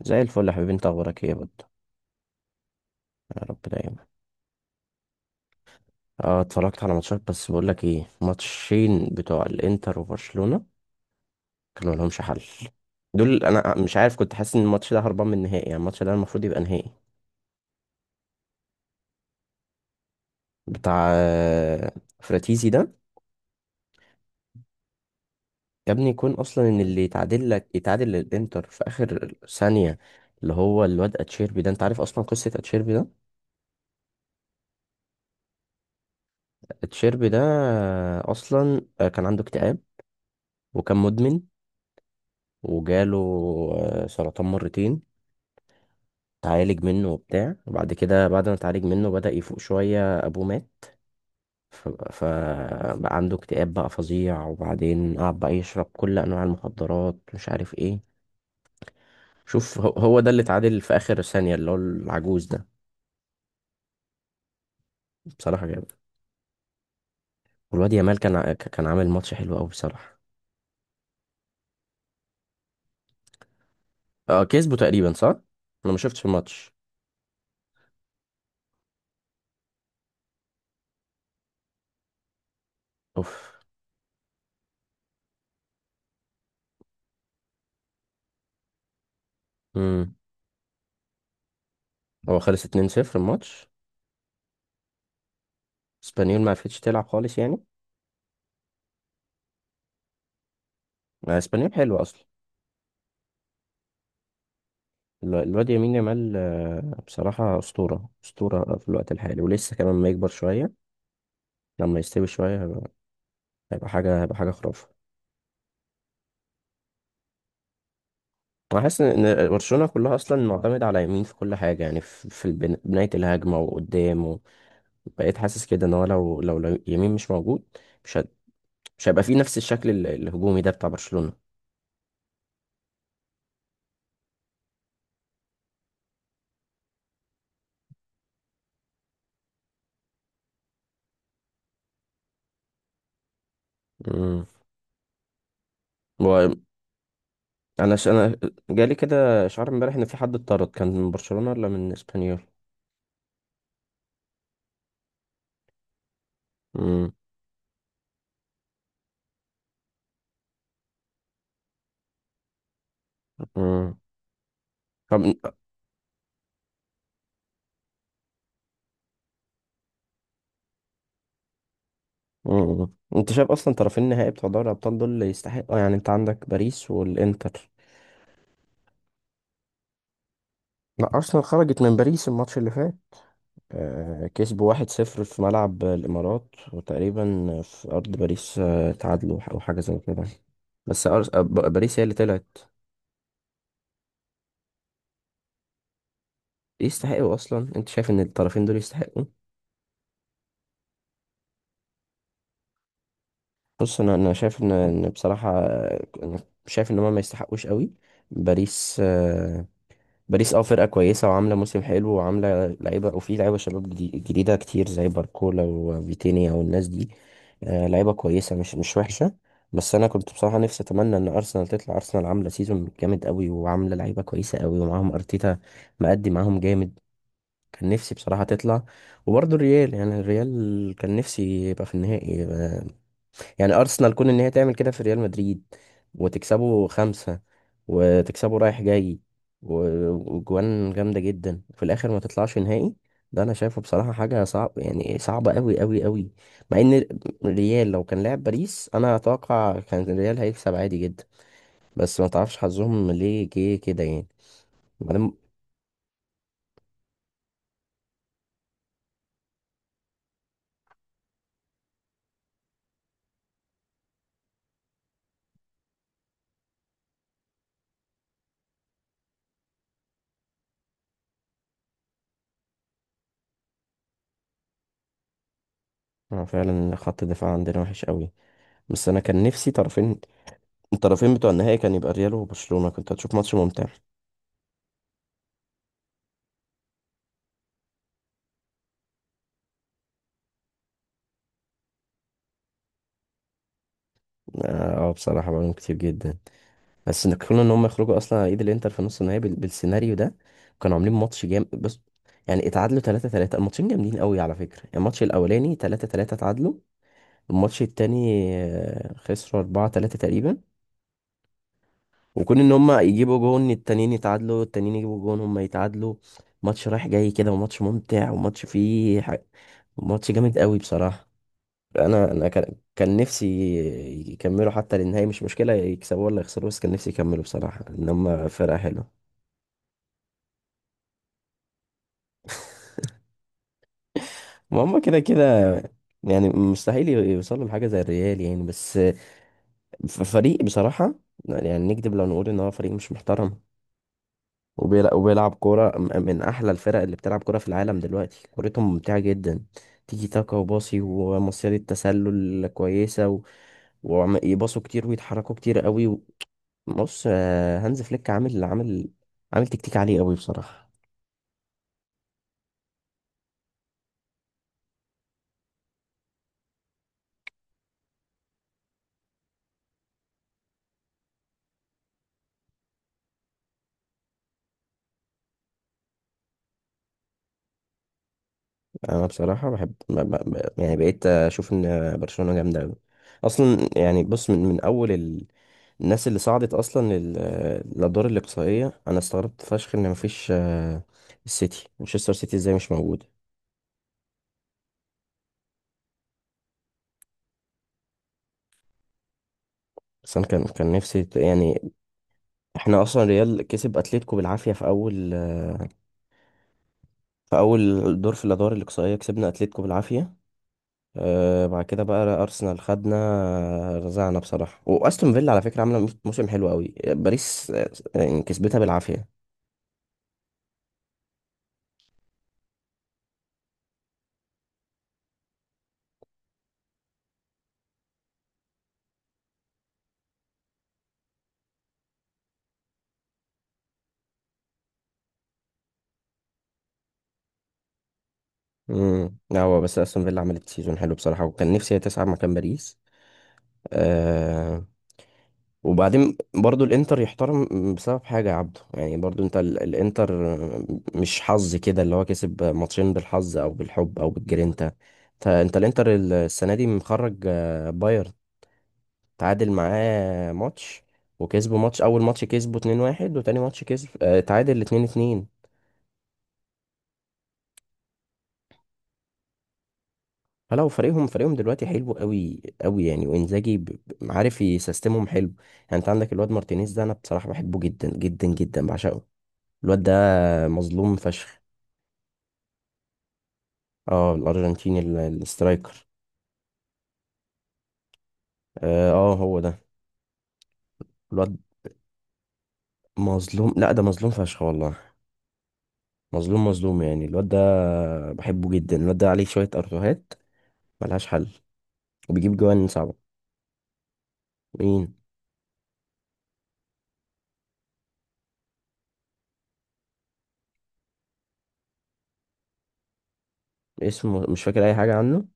زي الفل يا حبيبي، انت اخبارك ايه يا بود؟ يا رب دايما. اه، اتفرجت على ماتشات، بس بقول لك ايه، ماتشين بتوع الانتر وبرشلونة كانوا لهمش حل. دول انا مش عارف، كنت حاسس ان الماتش ده هربان من النهائي، يعني الماتش ده المفروض يبقى نهائي. بتاع فراتيزي ده. يا ابني، يكون اصلا ان اللي يتعادل لك يتعادل للانتر في اخر ثانية، اللي هو الواد اتشيربي ده. انت عارف اصلا قصة اتشيربي ده؟ اتشيربي ده اصلا كان عنده اكتئاب. وكان مدمن. وجاله سرطان مرتين. اتعالج منه وبتاع، وبعد كده بعد ما اتعالج منه بدأ يفوق شوية، أبوه مات. فبقى عنده اكتئاب بقى فظيع، وبعدين قعد بقى يشرب كل أنواع المخدرات، مش عارف ايه. شوف، هو هو ده اللي اتعادل في آخر ثانية، اللي هو العجوز ده. بصراحة جامد. والواد يامال كان عامل ماتش حلو أوي بصراحة. اه، كسبه تقريبا، صح؟ أنا ما شفتش الماتش. اوف. امم. هو خلص 2-0 الماتش. اسبانيول ما عرفتش تلعب خالص يعني. اسبانيول حلو أصلا. الواد يمين يامال، بصراحة أسطورة أسطورة في الوقت الحالي، ولسه كمان لما يكبر شوية. لما يستوي شوية هيبقى. هيبقى حاجة، هيبقى حاجة خرافة. أنا حاسس إن برشلونة كلها أصلا معتمدة على يمين في كل حاجة، يعني في في بناية الهجمة وقدام بقيت حاسس كده إن هو لو يمين مش موجود، مش هت- مش هيبقى فيه نفس الشكل الهجومي ده بتاع برشلونة. امم. هو أنا جالي كده شعار امبارح إن في حد اتطرد كان من برشلونة ولا من إسبانيول؟ امم. امم. طب. مم. انت شايف اصلا طرفين النهائي بتوع دوري الابطال دول اللي يستحقوا؟ يعني انت عندك باريس والانتر. لا، ارسنال خرجت من باريس الماتش اللي فات. كسبوا 1-0 في ملعب الامارات، وتقريبا في ارض باريس تعادلوا او حاجه زي كده. بس باريس هي اللي طلعت. يستحقوا اصلا؟ انت شايف ان الطرفين دول يستحقوا؟ بص، انا شايف ان بصراحه، انا شايف ان هما ما يستحقوش قوي. باريس. باريس اه، فرقة كويسة وعاملة موسم حلو وعاملة لعيبة، وفي لعيبة شباب جديدة كتير زي باركولا وفيتينيا والناس دي. لعيبة كويسة، مش وحشة. بس أنا كنت بصراحة نفسي أتمنى إن أرسنال تطلع. أرسنال عاملة سيزون جامد أوي، وعاملة لعيبة كويسة أوي ومعاهم أرتيتا. مأدي معاهم جامد. كان نفسي بصراحة تطلع. وبرضه الريال، يعني الريال كان نفسي يبقى في النهائي. يعني، ارسنال كون ان هي تعمل كده في ريال مدريد، وتكسبه خمسة، وتكسبه رايح جاي، وجوان جامدة جدا، وفي الاخر ما تطلعش نهائي. ده انا شايفه بصراحة حاجة صعب، يعني صعبة قوي قوي قوي. مع ان الريال لو كان لعب باريس، انا اتوقع كان الريال هيكسب عادي جدا. بس ما تعرفش حظهم ليه جه كده يعني. بعدين. فعلا خط الدفاع عندنا وحش قوي. بس انا كان نفسي طرفين، الطرفين بتوع النهائي كان يبقى ريال وبرشلونة، كنت هتشوف ماتش ممتع. اه، بصراحة بقالهم كتير جدا. بس ان كون ان هم يخرجوا اصلا على ايد الانتر في نص النهائي بالسيناريو ده، كانوا عاملين ماتش جامد بس. يعني اتعادلوا 3-3، الماتشين جامدين قوي على فكرة، يعني الماتش الاولاني 3-3 اتعادلوا. الماتش التاني خسروا 4-3 تقريبا. وكون ان هم يجيبوا جون، التانيين يتعادلوا، التانيين يجيبوا جون، هم يتعادلوا. ماتش رايح جاي كده، وماتش ممتع، وماتش فيه ماتش جامد قوي بصراحة. انا كان نفسي يكملوا حتى للنهاية، مش مشكلة يكسبوا ولا يخسروا، بس كان نفسي يكملوا بصراحة، ان هم فرقة حلوة. ما هم كده كده، يعني مستحيل يوصلوا لحاجة زي الريال يعني، بس فريق بصراحة، يعني نكذب لو نقول ان هو فريق مش محترم. وبيلعب كورة من احلى الفرق اللي بتلعب كورة في العالم دلوقتي، كورتهم ممتعة جدا. تيجي تاكا وباصي ومصيدة تسلل كويسة ويباصوا كتير، ويتحركوا كتير قوي. بص، هانز فليك عامل تكتيك عالي قوي بصراحة. انا بصراحة بحب يعني بقيت اشوف ان برشلونة جامدة قوي اصلا، يعني بص، من من اول الناس اللي صعدت اصلا للادوار الاقصائية، انا استغربت فشخ ان مفيش. السيتي، مانشستر سيتي، ازاي مش موجود؟ بس انا كان نفسي يعني، احنا اصلا ريال كسب اتلتيكو بالعافية في اول دور في الادوار الاقصائية، كسبنا اتلتيكو بالعافية. بعد كده بقى، ارسنال خدنا، رزعنا بصراحه، واستون فيلا على فكره عامله موسم حلو قوي، باريس، يعني كسبتها بالعافيه. امم. لا، هو بس استون فيلا عملت سيزون حلو بصراحه، وكان نفسي هي تصعد مكان باريس. آه وبعدين برضو الانتر يحترم، بسبب حاجه يا عبده، يعني برضو انت الانتر، مش حظ كده، اللي هو كسب ماتشين بالحظ او بالحب او بالجرينتا. انت الانتر السنه دي مخرج بايرن، تعادل معاه ماتش، وكسبوا ماتش، اول ماتش كسبوا 2-1، وتاني ماتش كسب، تعادل 2-2. فلو، فريقهم فريقهم دلوقتي حلو قوي قوي يعني، وانزاجي، عارف يسيستمهم حلو. يعني انت عندك الواد مارتينيز ده، انا بصراحة بحبه جدا جدا جدا بعشقه. الواد ده مظلوم فشخ. اه، الارجنتيني الاسترايكر. اه، هو ده الواد. مظلوم. لا، ده مظلوم فشخ والله، مظلوم مظلوم يعني الواد ده، بحبه جدا. الواد ده عليه شوية ارتوهات، ملهاش حل. وبيجيب جوان صعبة. مين؟ اسمه مش فاكر اي حاجه عنه.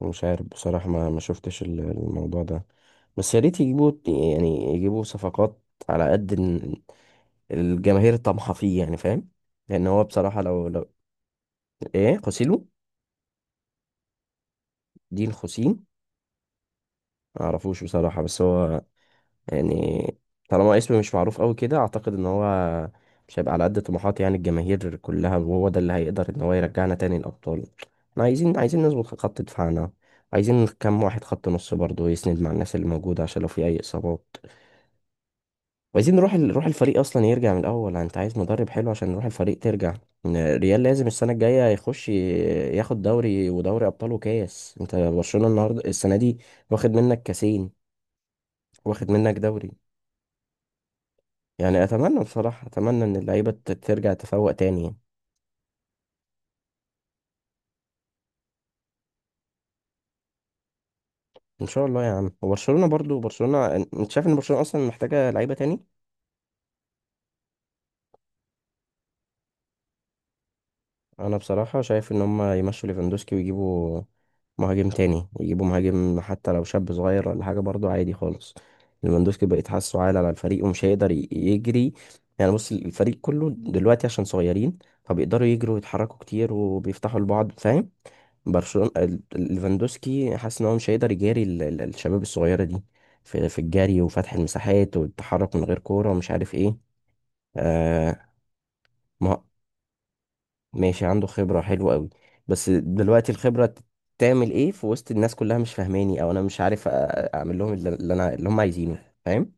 مش عارف بصراحه، ما ما شفتش الموضوع ده. بس يا ريت يجيبوا، يعني يجيبوا صفقات على قد الجماهير طمحة فيه، يعني فاهم. لان هو بصراحه، لو ايه، خوسيلو. دين خوسين؟ ما اعرفوش بصراحه، بس هو يعني، طالما اسم مش معروف قوي كده، اعتقد ان هو مش هيبقى على قد طموحات يعني الجماهير كلها، وهو ده اللي هيقدر ان هو يرجعنا تاني الابطال. احنا عايزين عايزين نظبط خط دفاعنا، عايزين كام واحد خط نص برضه يسند مع الناس اللي موجوده، عشان لو في اي اصابات. وعايزين نروح روح الفريق اصلا يرجع من الاول، انت عايز مدرب حلو عشان نروح الفريق ترجع. ريال لازم السنه الجايه يخش ياخد دوري ودوري ابطال وكاس، انت برشلونه النهارده السنه دي واخد منك كاسين، واخد منك دوري. يعني اتمنى بصراحه، اتمنى ان اللعيبه ترجع تفوق تاني يعني. ان شاء الله يا عم. وبرشلونه برضو، برشلونه انت شايف ان برشلونه اصلا محتاجه لعيبه تاني؟ انا بصراحه شايف ان هم يمشوا ليفاندوسكي ويجيبوا مهاجم تاني، يجيبوا مهاجم حتى لو شاب صغير ولا حاجه برضو عادي خالص. ليفاندوسكي بقيت حاسه عال على الفريق، ومش هيقدر يجري. يعني بص، الفريق كله دلوقتي عشان صغيرين، فبيقدروا يجروا ويتحركوا كتير وبيفتحوا لبعض، فاهم. برشلونة، ليفاندوسكي حاسس ان هو مش هيقدر يجاري الشباب الصغيرة دي، في في الجري وفتح المساحات والتحرك من غير كورة، ومش عارف ايه. آه ما ماشي، عنده خبرة حلوة قوي. بس دلوقتي الخبرة تعمل ايه في وسط الناس كلها، مش فاهماني او انا مش عارف اعمل لهم اللي انا اللي هم عايزينه، فاهم.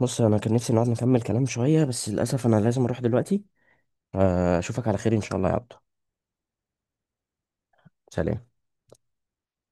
بص، انا كان نفسي نقعد نكمل كلام شوية، بس للاسف انا لازم اروح دلوقتي. اشوفك على خير ان شاء الله يا عبدو. سلام.